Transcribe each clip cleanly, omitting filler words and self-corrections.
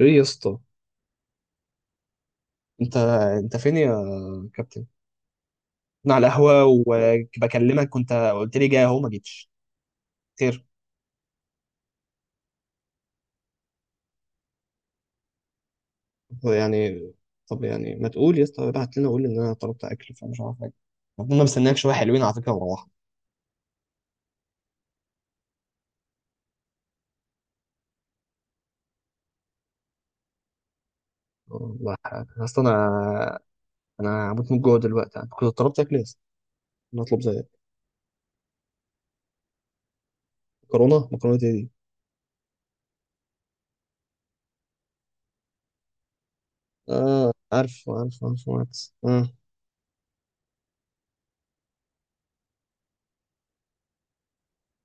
ايه يا اسطى. انت انت فين يا كابتن؟ انا على القهوه وبكلمك، كنت قلت لي جاي اهو ما جيتش. خير، هو يعني طب يعني ما تقول يا اسطى، ابعت لنا قول ان انا طلبت اكل فمش عارف حاجه. ربنا مستنيك شويه حلوين على فكره وروحنا. والله اصل انا هموت من الجوع دلوقتي، انا كنت طلبت اكل يا اسطى. انا اطلب زي مكرونه ايه دي؟ اه، عارف عارف عارف عارف. اه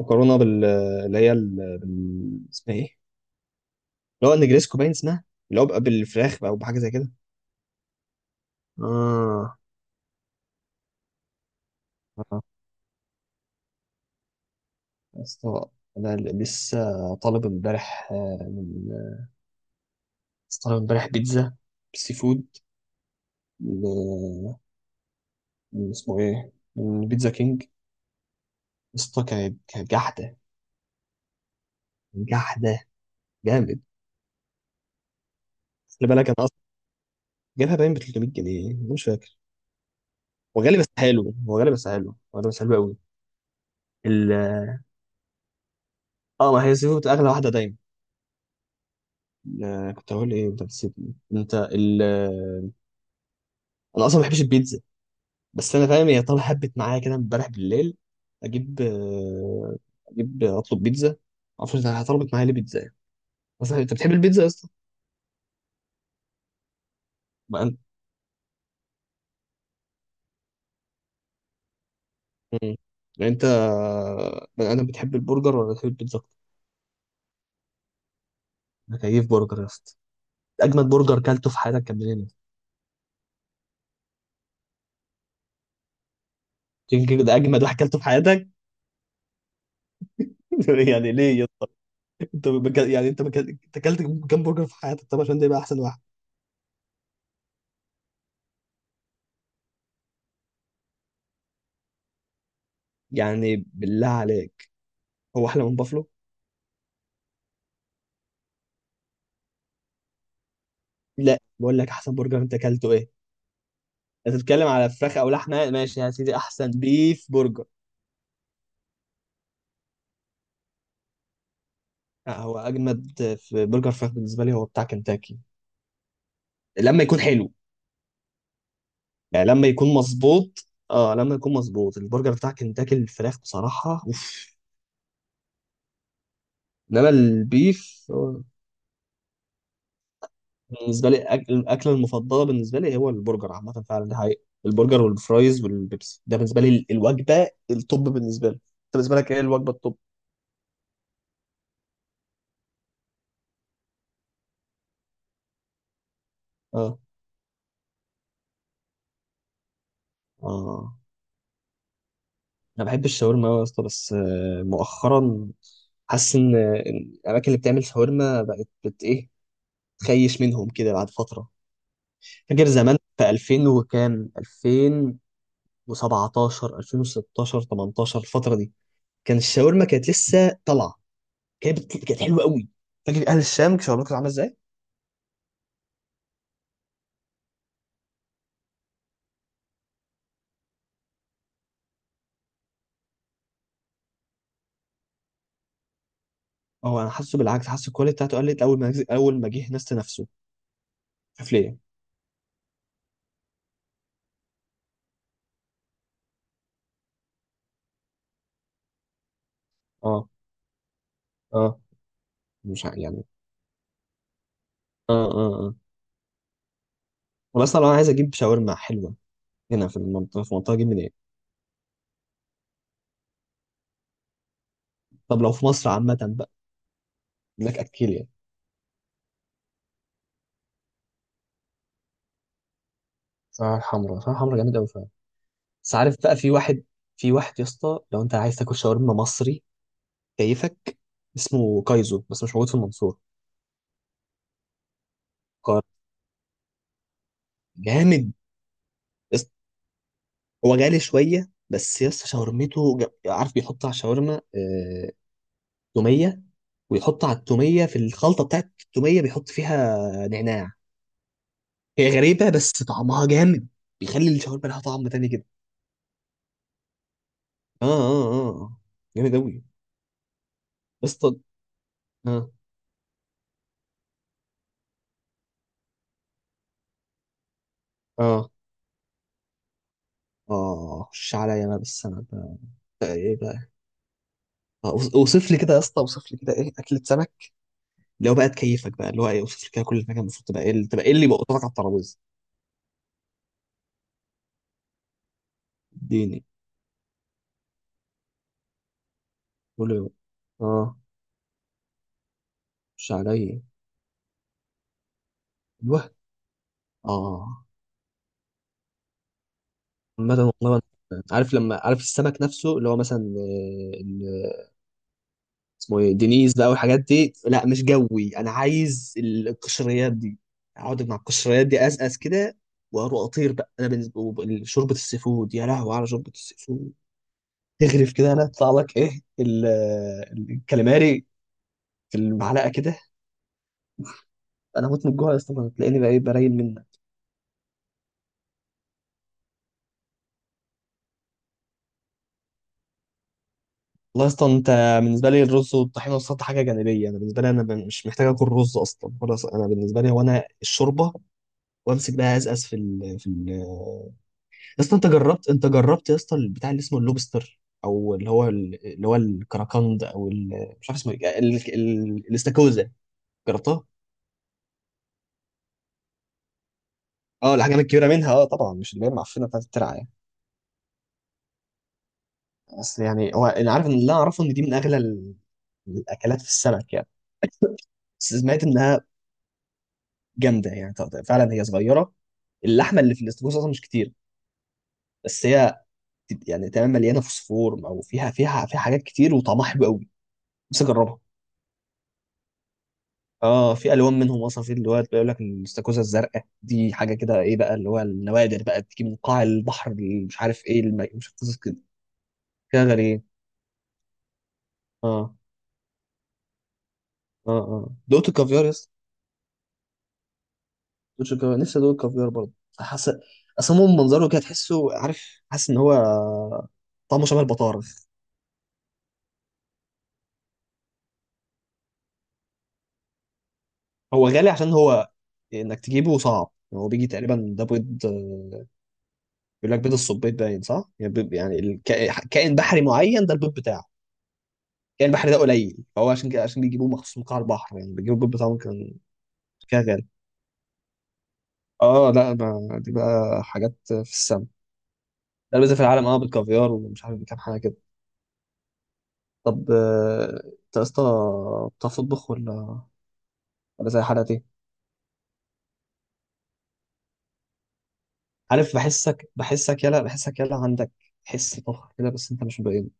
مكرونه بال، اللي هي اسمها ايه، اللي هو النجريسكو باين اسمها، اللي هو بقى بالفراخ بقى وبحاجه زي كده. آه. آه. يا اسطى انا لسه طالب امبارح من، لسه طالب امبارح بيتزا سي فود. من من اسمه ايه، من بيتزا كينج يا اسطى. كانت جحده، جحده جامد. خلي بالك انا اصلا جايبها باين ب 300 جنيه أنا مش فاكر. هو غالي بس حلو، هو غالي بس حلو، هو غالي بس حلو قوي. ال... اه ما هي السي فود اغلى واحده دايما. كنت هقول ايه، انت نسيتني انت ال... آه، انا اصلا ما بحبش البيتزا، بس انا فاهم هي طالعه حبت معايا كده امبارح بالليل. اجيب اجيب اطلب بيتزا، ما اعرفش انت طلبت معايا ليه بيتزا. مثلا انت بتحب البيتزا يا اسطى؟ بقى انت مم. يعني انت بقى انا بتحب البرجر ولا بتحب البيتزا اكتر؟ انا كيف برجر يا اسطى. اجمد برجر كلته في حياتك كان منين يا اسطى؟ تيجي كده ده اجمد واحد كلته في حياتك؟ يعني ليه يا اسطى؟ انت بك... يعني انت بك... انت كلت كام برجر في حياتك طب عشان ده يبقى احسن واحد؟ يعني بالله عليك هو احلى من بافلو؟ لا بقول لك احسن برجر انت كلته ايه؟ هتتكلم على فراخ او لحمه؟ ماشي يا سيدي، احسن بيف برجر. لا هو اجمد في برجر فراخ بالنسبه لي هو بتاع كنتاكي لما يكون حلو. يعني لما يكون مظبوط، اه لما يكون مظبوط البرجر بتاع كنتاكي الفراخ بصراحه اوف. انما البيف هو بالنسبه لي الاكله المفضله بالنسبه لي هو البرجر عامه، فعلا دي حقيقه. البرجر والفرايز والبيبسي ده بالنسبه لي الوجبه التوب بالنسبه لي. انت بالنسبه لك ايه الوجبه التوب؟ اه، اه، انا بحب الشاورما أوي يا اسطى، بس مؤخرا حاسس ان إن الاماكن اللي بتعمل شاورما بقت بت ايه، تخيش منهم كده بعد فتره. فاكر زمان في 2000 وكام، 2017 2016 18 الفتره دي كان الشاورما كانت لسه طالعه، كانت حلوه قوي. فاكر اهل الشام شاورما كانت عامله ازاي؟ اه انا حاسه بالعكس، حاسس الكواليتي بتاعته قلت اول ما جه ناس نفسه، مش عارف ليه. اه، اه، مش ع- يعني اه اه اه. والله اصلا انا عايز اجيب شاورما حلوه هنا في المنطقه، في منطقه جيب منين؟ طب لو في مصر عامه بقى يقول لك اكيليا، شعرها الحمراء. شعرها الحمراء جامد قوي فعلا. بس عارف بقى في واحد، في واحد يا اسطى لو انت عايز تاكل شاورما مصري كيفك، اسمه كايزو بس مش موجود في المنصوره. قار- جامد يا اسطى، هو غالي شويه بس يا اسطى. شاورمته عارف بيحط على الشاورما توميه، ويحط على التوميه في الخلطه بتاعت التوميه بيحط فيها نعناع. هي غريبه بس طعمها جامد، بيخلي الشاورما لها طعم تاني كده. اه اه اه آه. جامد قوي اسطى. اه اه اه، خش عليا بقى بالسمك بقى. بقى ايه بقى؟ اوصف لي كده يا اسطى، اوصف لي كده ايه اكلة سمك اللي هو بقى تكيفك بقى، اللي هو ايه، اوصف لي كده كل حاجه المفروض تبقى ايه، اللي تبقى ايه اللي يبقى قدامك على الترابيزه. اديني، قول لي بقى. اه، خش عليا. ايوه. اه. عامة والله عارف لما، عارف السمك نفسه اللي هو مثلا اسمه ايه دينيز بقى والحاجات دي لا مش جوي، انا عايز القشريات دي. اقعد مع القشريات دي ازقز كده واروح اطير بقى. انا بالنسبه شوربه السي فود، يا لهوي على شوربه السي فود. تغرف كده انا يطلع لك ايه الكاليماري في المعلقه كده. انا هموت من الجوع يا اسطى، تلاقيني بقى ايه برايل منك. والله اصلا انت بالنسبه لي الرز والطحينه والسلطه حاجه جانبيه، انا بالنسبه لي انا مش محتاج اكل رز اصلا خلاص، انا بالنسبه لي هو انا الشوربه وامسك بقى ازقز في ال. يا اسطى، انت جربت يا اسطى البتاع اللي اسمه اللوبستر او اللي هو اللي هو الكراكند او مش عارف اسمه ايه الاستاكوزا، جربتها؟ اه الحاجات الكبيره منها، اه طبعا مش اللي هي المعفنه بتاعت الترعه يعني. بس يعني هو انا عارف ان، اللي أنا اعرفه ان دي من اغلى الاكلات في السمك يعني. بس سمعت انها جامده يعني. فعلا هي صغيره، اللحمه اللي في الاستاكوزا اصلا مش كتير، بس هي يعني تمام مليانه فوسفور او فيها فيها حاجات كتير وطعمها حلو قوي، بس اجربها. اه في الوان منهم اصلا، في اللي هو بيقول لك الاستاكوزا الزرقاء دي حاجه كده ايه بقى، اللي هو النوادر بقى بتيجي من قاع البحر اللي مش عارف ايه مش عارف قصص كده، كده غريب. اه اه اه دوت الكافيار يا اسطى. دوت الكافيار، نفسي ادوق الكافيار برضه. حاسس اصلا هو من منظره كده تحسه، عارف حاسس ان هو طعمه شبه البطارخ. هو غالي عشان هو، انك تجيبه صعب. هو بيجي تقريبا ده بيض، بيقول لك بيض الصبيط باين، صح؟ يعني بيض، يعني كائن بحري معين ده البيض بتاعه يعني. البحر ده قليل هو عشان كده، عشان بيجيبوه مخصوص من قاع البحر يعني، بيجيبوا الجلد بتاعهم كان كده غالي. اه لا دي بقى حاجات في السماء. ده البيزا في العالم، اه بالكافيار ومش عارف كام حاجه كده. طب انت يا اسطى بتعرف تطبخ ولا، ولا زي حالتي؟ عارف بحسك، بحسك يلا، بحسك يلا عندك حس طبخ كده بس انت مش مبين.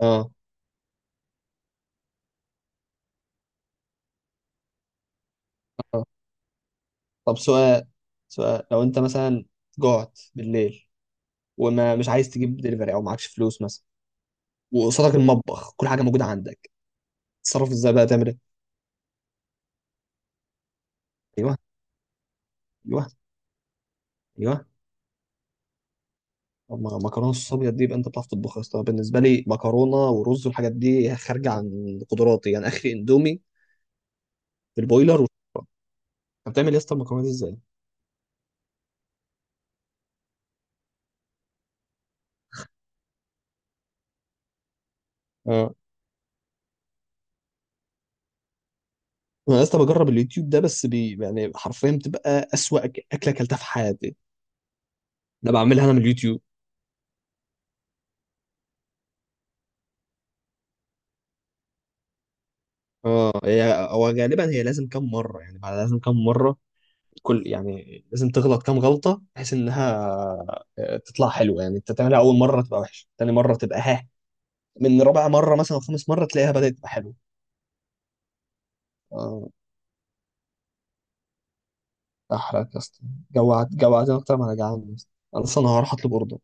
اه، اه. طب سؤال، سؤال لو انت مثلا جوعت بالليل وما مش عايز تجيب دليفري او معكش فلوس مثلا، وقصادك المطبخ كل حاجه موجوده عندك، تصرف ازاي بقى تعمل ايه؟ ايوه. ايوه. ايوه. طب ما مكرونه الصوص ابيض دي يبقى انت بتعرف تطبخها يا اسطى؟ بالنسبه لي مكرونه ورز والحاجات دي خارجه عن قدراتي يعني، اخري اندومي في البويلر وشكرا. انت بتعمل يا اسطى المكرونه دي ازاي؟ اه، انا يا اسطى بجرب اليوتيوب ده بس بي يعني، حرفيا بتبقى اسوأ اكله اكلتها في حياتي ده، بعملها انا من اليوتيوب. اه هي هو غالبا هي لازم كم مره، يعني بعد لازم كم مره كل يعني لازم تغلط كم غلطه بحيث انها تطلع حلوه يعني. انت تعملها اول مره تبقى وحشه، تاني مره تبقى ها، من رابع مرة مثلا أو خامس مرة تلاقيها بدأت تبقى حلوة. آه، أحرق يا اسطى، جوعت، جوعتني أكتر ما أنا جعان يا اسطى. أنا أصلا هروح أطلب أوردر.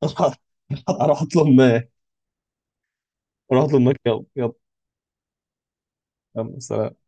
هروح أطلب ما هروح أطلب ماك. يلا يلا. يلا، سلام.